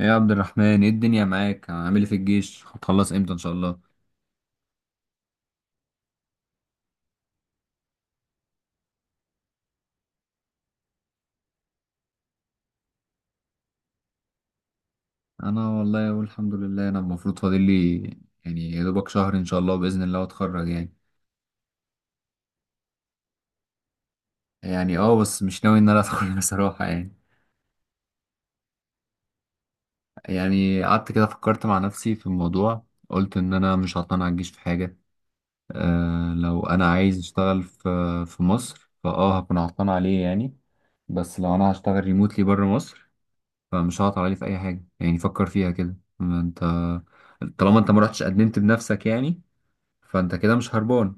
ايه يا عبد الرحمن، ايه الدنيا معاك؟ عامل ايه في الجيش؟ هتخلص امتى ان شاء الله؟ انا والله اقول الحمد لله. انا المفروض فاضل لي يعني يا دوبك شهر ان شاء الله باذن الله اتخرج يعني. يعني بس مش ناوي ان انا اتخرج بصراحه يعني. يعني قعدت كده فكرت مع نفسي في الموضوع، قلت ان انا مش هعتمد على الجيش في حاجه. أه لو انا عايز اشتغل في مصر، فاه هكون عطلان عليه يعني. بس لو انا هشتغل ريموتلي بره مصر فمش هعطل عليه في اي حاجه يعني. فكر فيها كده، ما انت طالما انت ما رحتش قدمت بنفسك يعني، فانت كده مش هربان.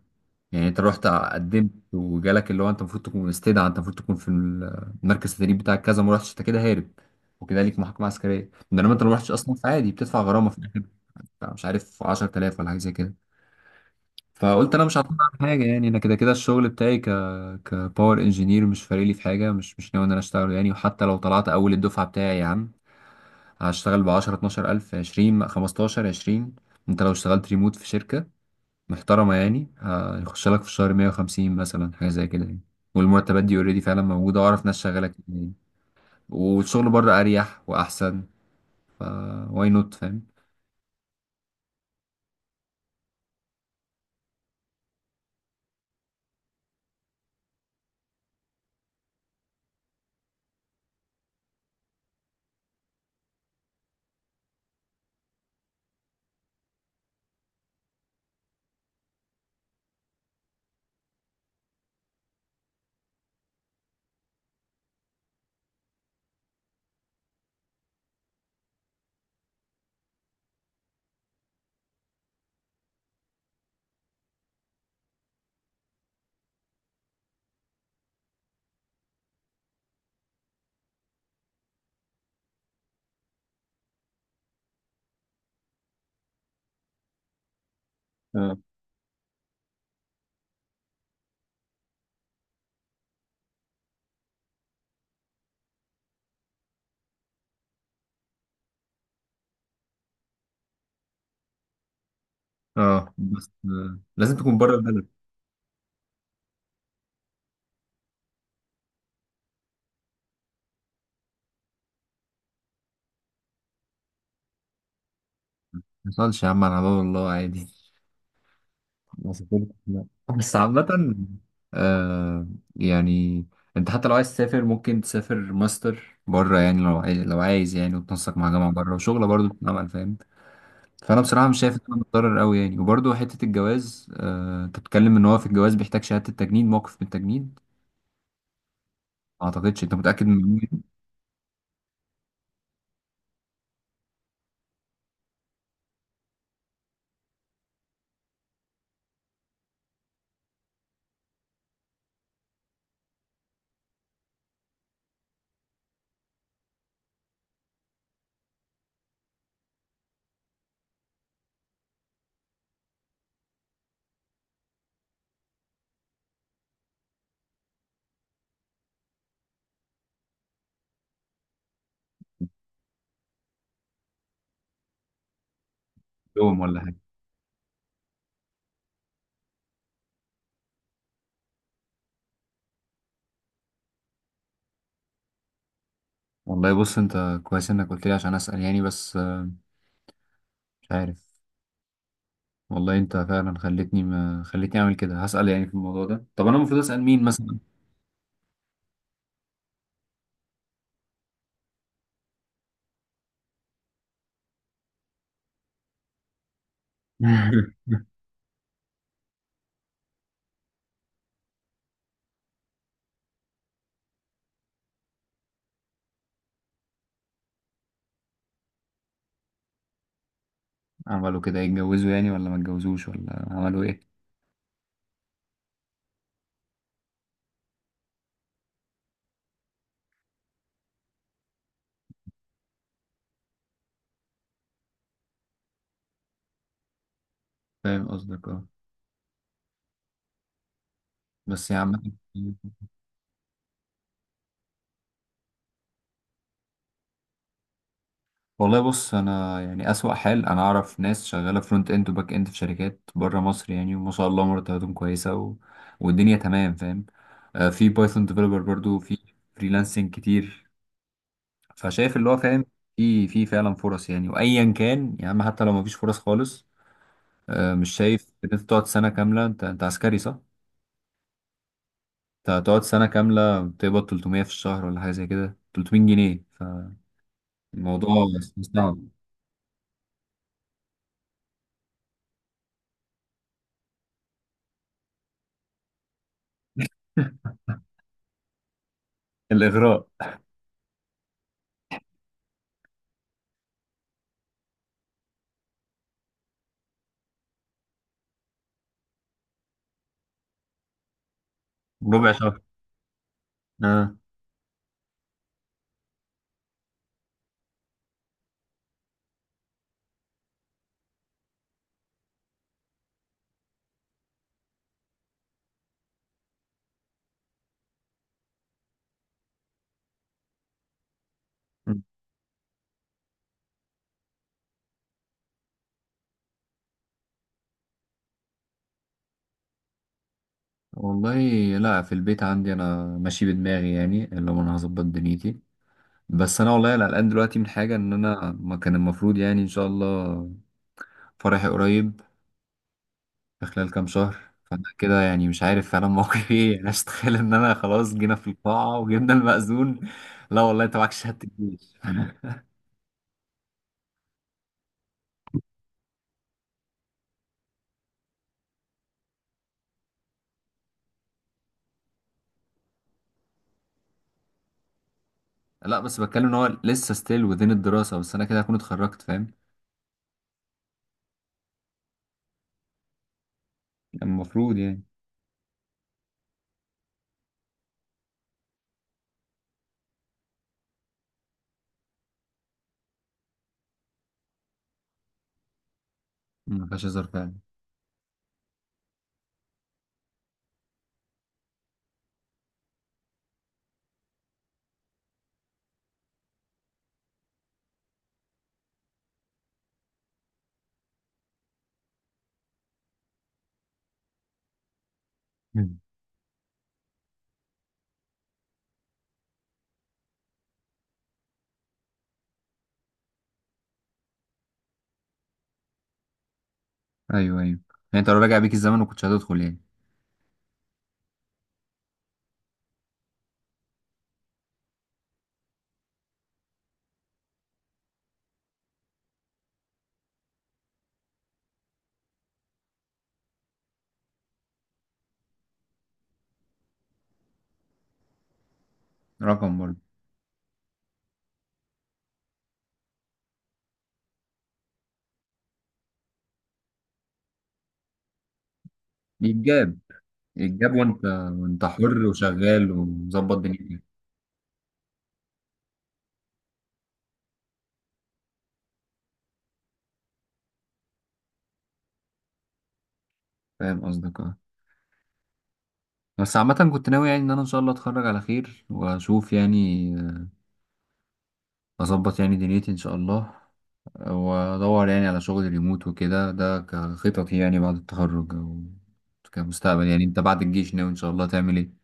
يعني انت رحت قدمت وجالك اللي هو انت المفروض تكون مستدعى، انت المفروض تكون في المركز التدريب بتاعك كذا، ما رحتش، انت كده هارب، وكده ليك محاكمه عسكريه. انما انت ما رحتش اصلا، فعادي بتدفع غرامه في الاخر بتاع مش عارف 10000 ولا حاجه زي كده. فقلت انا مش هعتمد على حاجه يعني، انا كده كده الشغل بتاعي كباور انجينير مش فارق لي في حاجه. مش ناوي ان انا اشتغله يعني. وحتى لو طلعت اول الدفعه بتاعي يا عم، هشتغل ب 10 12 ألف، 20، 15، 20. أنت لو اشتغلت ريموت في شركة محترمة يعني، هيخش لك في الشهر 150 مثلا، حاجة زي كده يعني. والمرتبات دي اوريدي فعلا موجودة، وأعرف ناس شغالة كتير يعني. والشغل بره أريح وأحسن. فا واي نوت، فاهم؟ اه. اه، بس لازم تكون بره البلد. ما يحصلش يا عم، على باب الله، عادي. ما سافرتش، لا. بس عامة آه، يعني انت حتى لو عايز تسافر، ممكن تسافر ماستر بره يعني لو عايز يعني، وتنسق مع جامعة بره، وشغلة برضه بتتعمل، فاهم؟ فانا بصراحة مش شايف ان انا متضرر قوي يعني. وبرضه حتة الجواز، آه انت بتتكلم ان هو في الجواز بيحتاج شهادة التجنيد، موقف من التجنيد. ما اعتقدش. انت متأكد من المعلومة دي؟ يوم ولا حاجة. والله بص، انت كويس انك قلت لي عشان اسأل يعني، بس مش عارف. والله انت فعلا ما خلتني اعمل كده، هسأل يعني في الموضوع ده. طب انا المفروض اسأل مين مثلا؟ عملوا كده يتجوزوا يعني، ولا ما اتجوزوش، ولا عملوا ايه؟ فاهم قصدك، اه. بس يا عم، والله بص، انا يعني اسوأ حال انا اعرف ناس شغاله فرونت اند وباك اند في شركات بره مصر يعني، وما شاء الله مرتباتهم كويسه و... والدنيا تمام، فاهم. آه، في بايثون ديفلوبر برضو، في فريلانسنج كتير. فشايف اللي هو، فاهم، في فعلا فرص يعني. وايا كان يا عم، حتى لو ما فيش فرص خالص، آه مش شايف ان انت تقعد سنه كامله. انت عسكري صح؟ انت هتقعد سنة كاملة بتقبض 300 في الشهر ولا حاجة زي كده، 300 جنيه. فالموضوع صعب. الإغراء، ربع شهر. آه. م. والله لا، في البيت عندي أنا ماشي بدماغي يعني، اللي هو أنا هظبط دنيتي. بس أنا والله قلقان دلوقتي من حاجة، إن أنا ما كان المفروض يعني. إن شاء الله فرحي قريب، في خلال كام شهر. فأنا كده يعني مش عارف فعلا موقفي إيه. أنا أتخيل إن أنا خلاص جينا في القاعة وجبنا المأذون: لا والله أنت معاك شهادة الجيش. لا بس بتكلم ان هو لسه ستيل وذين الدراسة، بس انا كده هكون اتخرجت، فاهم؟ يعني المفروض يعني. ما فيهاش هزار فعلا. مم. ايوه، ايوه. يعني انت لو راجع بيك الزمن ما كنتش هتدخل يعني؟ رقم برضه يتجاب يتجاب، وانت حر وشغال ومظبط دنيتك. فاهم قصدك، اه. بس عامة كنت ناوي يعني ان انا ان شاء الله اتخرج على خير، واشوف يعني آه، اظبط يعني دنيتي ان شاء الله، وادور يعني على شغل ريموت وكده. ده كخططي يعني بعد التخرج، او كمستقبل. يعني انت بعد الجيش ناوي ان شاء الله تعمل ايه؟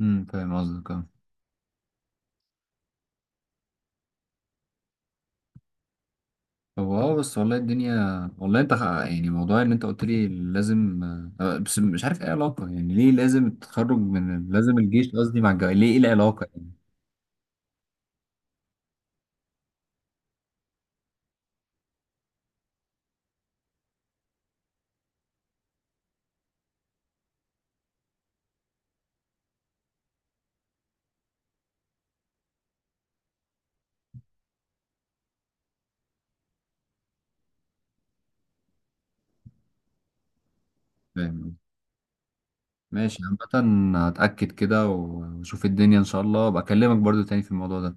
امم، فاهم قصدك، اه. طب اه، بس والله الدنيا، والله انت يعني موضوع ان انت قلت لي لازم بس مش عارف ايه علاقة يعني. ليه لازم التخرج من لازم الجيش قصدي مع الجواز؟ ليه؟ ايه العلاقة يعني؟ فاهم. ماشي، عامة هتأكد كده واشوف الدنيا ان شاء الله، بكلمك برضو تاني في الموضوع ده.